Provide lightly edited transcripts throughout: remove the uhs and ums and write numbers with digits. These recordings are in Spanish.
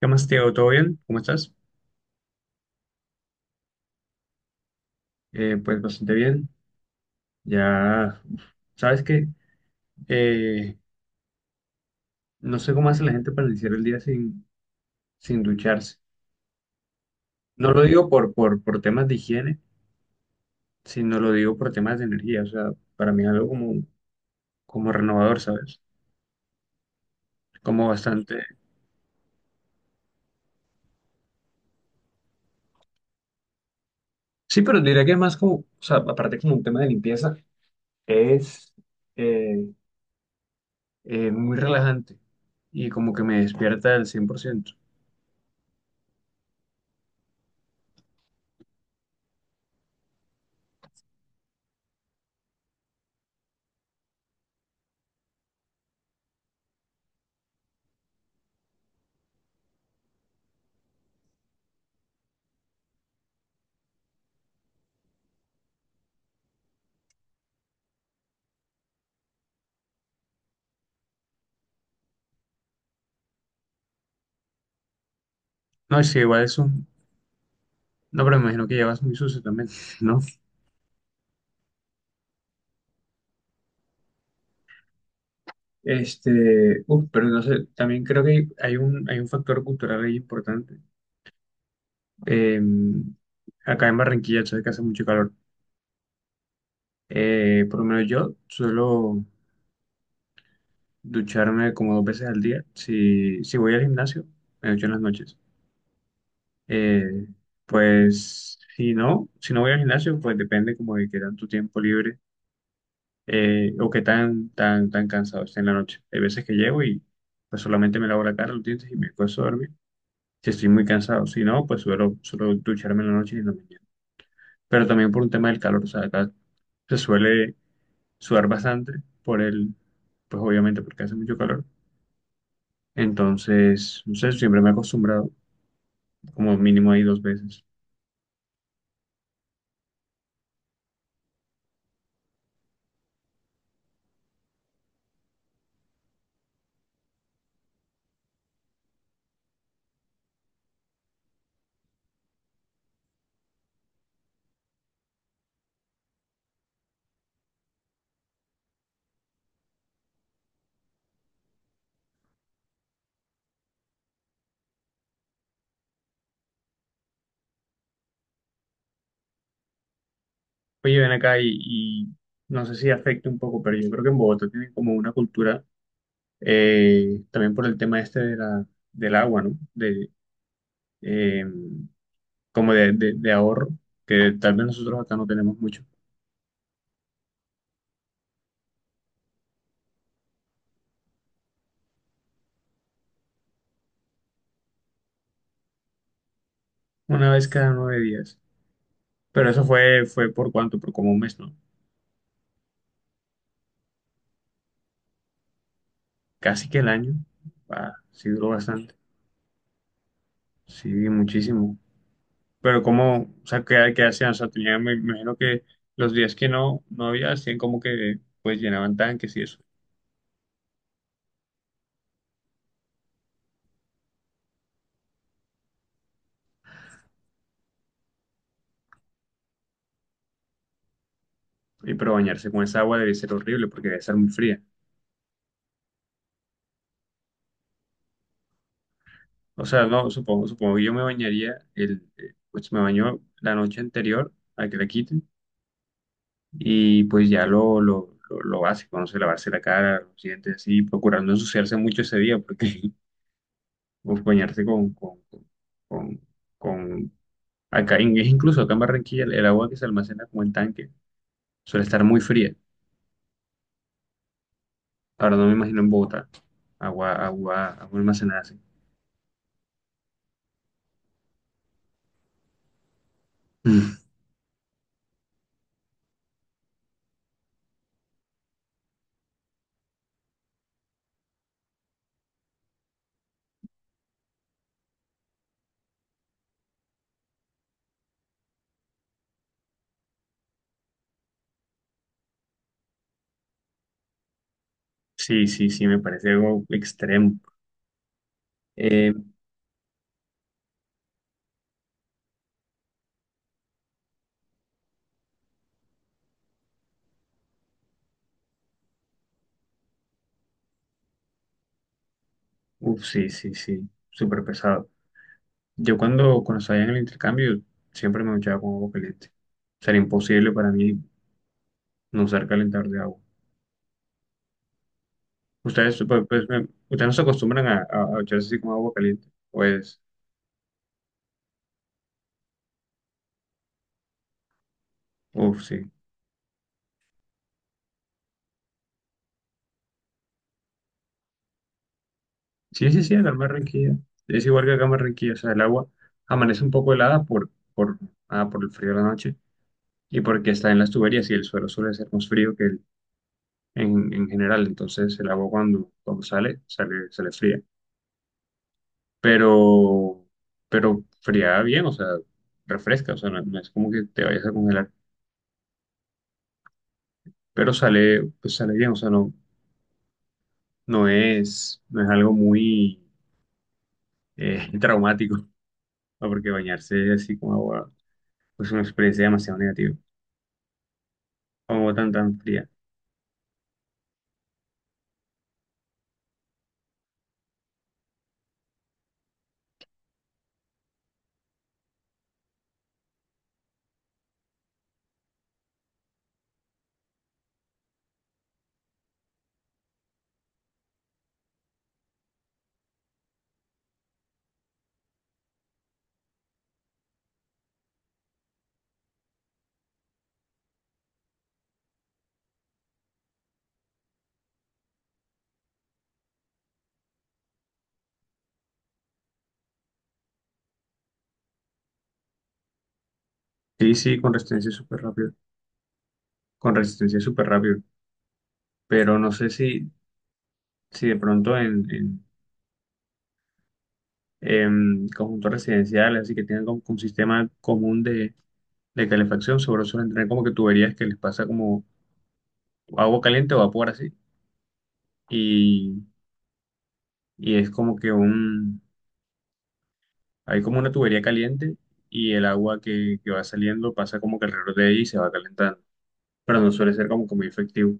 ¿Qué más, Tiago? ¿Todo bien? ¿Cómo estás? Pues bastante bien. Ya, uf, sabes que no sé cómo hace la gente para iniciar el día sin ducharse. No lo digo por temas de higiene, sino lo digo por temas de energía. O sea, para mí es algo como renovador, ¿sabes? Como bastante. Sí, pero diría que es más como, o sea, aparte como un tema de limpieza, es eh, muy relajante y como que me despierta al 100%. No, sí, igual es un, no, pero me imagino que llevas muy sucio también, ¿no? Uf, pero no sé, también creo que hay un factor cultural ahí importante. Eh, Acá en Barranquilla, sabes que hace mucho calor. Por lo menos yo suelo ducharme como dos veces al día. Si voy al gimnasio, me ducho en las noches. Eh, pues si no, si no voy al gimnasio, pues depende como de qué tanto tiempo libre. O que tan cansado esté en la noche. Hay veces que llego y pues solamente me lavo la cara, los dientes y me puedo a dormir. Si estoy muy cansado, si no, pues suelo ducharme en la noche y en la mañana. Pero también por un tema del calor, o sea, acá se suele sudar bastante por el, pues obviamente porque hace mucho calor. Entonces, no sé, siempre me he acostumbrado como mínimo ahí dos veces. Oye, ven acá y no sé si afecta un poco, pero yo creo que en Bogotá tienen como una cultura también por el tema este del agua, ¿no? Eh, Como de ahorro, que tal vez nosotros acá no tenemos mucho, una vez cada nueve días, pero eso fue por cuánto, por como un mes, ¿no? Casi que el año, ah, sí duró bastante, sí, muchísimo, pero como, o sea, ¿qué hacían? O sea, tenía, me imagino que los días que no había, hacían como que, pues llenaban tanques y eso, y pero bañarse con esa agua debe ser horrible porque debe ser muy fría. O sea, no, supongo que yo me bañaría, pues me baño la noche anterior a que la quiten y pues ya lo básico, no sé, lavarse la cara, los dientes, así, procurar no ensuciarse mucho ese día porque pues, bañarse con, con- acá, es incluso acá en Barranquilla el agua que se almacena como en tanque suele estar muy fría. Ahora no me imagino en Bogotá, agua almacenada así. Sí, sí, sí, me parece algo extremo. Eh, Uf, sí, sí, sí, súper pesado. Yo cuando salía en el intercambio siempre me duchaba con agua caliente. O sea, era imposible para mí no usar calentador de agua. Ustedes, ustedes no se acostumbran a ducharse así con agua caliente. Pues, uf, sí. Sí, sí, sí, acá en Barranquilla. Es igual que acá en Barranquilla. O sea, el agua amanece un poco helada ah, por el frío de la noche y porque está en las tuberías y el suelo suele ser más frío que el, en general. Entonces el agua cuando, cuando sale fría. pero, pero fría bien, o sea, refresca, o sea, no, no es como que te vayas a congelar, pero sale, pues sale bien, o sea, no, no es algo muy traumático, ¿no? Porque bañarse así con agua pues, es una experiencia demasiado negativa, con agua tan fría. Sí, sí, con resistencia súper rápido, con resistencia súper rápido, pero no sé si, si de pronto en conjuntos residenciales, así que tengan como un sistema común de calefacción, sobre suelen tener como que tuberías que les pasa como agua caliente o vapor así. Y, y es como que hay como una tubería caliente y el agua que va saliendo pasa como que alrededor de ella y se va calentando. Pero no suele ser como que muy efectivo.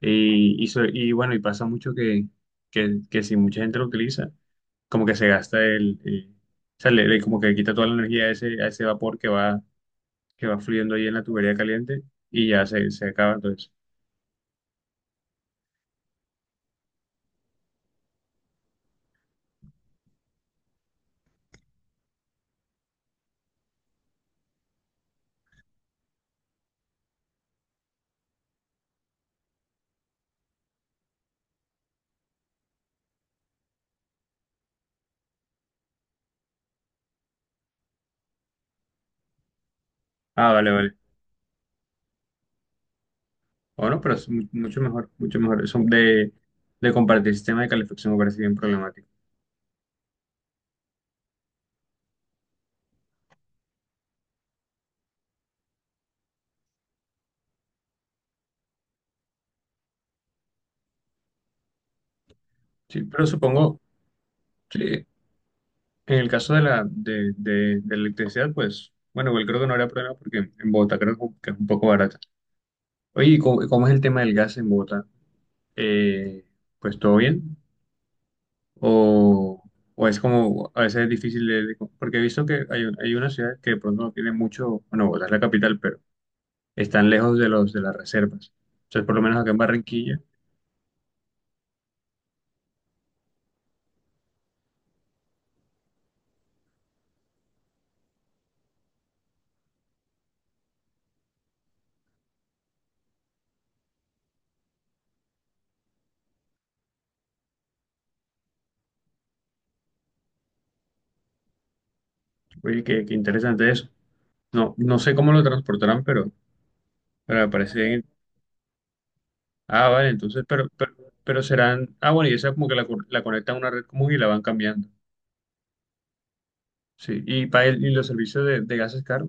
Y bueno, y pasa mucho que si mucha gente lo utiliza, como que se gasta o sea, como que le quita toda la energía a ese vapor que va fluyendo ahí en la tubería caliente y ya se acaba entonces. Ah, vale, vale. Bueno, pero es mucho mejor, mucho mejor. Eso de compartir sistema de calefacción me parece bien problemático. Sí, pero supongo sí en el caso de la electricidad, pues, bueno, igual creo que no habrá problema porque en Bogotá creo que es un poco barata. Oye, ¿y cómo es el tema del gas en Bogotá? Eh, pues todo bien. O, o es como, a veces es difícil porque he visto que hay una ciudad que de pronto no tiene mucho, bueno, Bogotá es la capital, pero están lejos de los de las reservas. Entonces, por lo menos acá en Barranquilla oye, qué, qué interesante eso. No, no sé cómo lo transportarán, pero me parece bien. Ah, vale, entonces, pero serán. Ah, bueno, y esa como que la conectan a una red común y la van cambiando. Sí, y, y los servicios de gas es caro.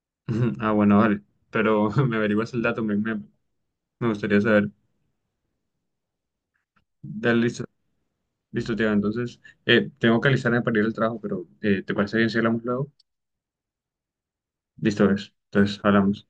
Ujú. Ah, bueno, vale. Pero me averiguas el dato, me gustaría saber. Dale, listo, listo, Teo. Entonces, tengo que alistarme para ir al trabajo, pero ¿te parece bien si hablamos luego? Listo, ves. Entonces, hablamos.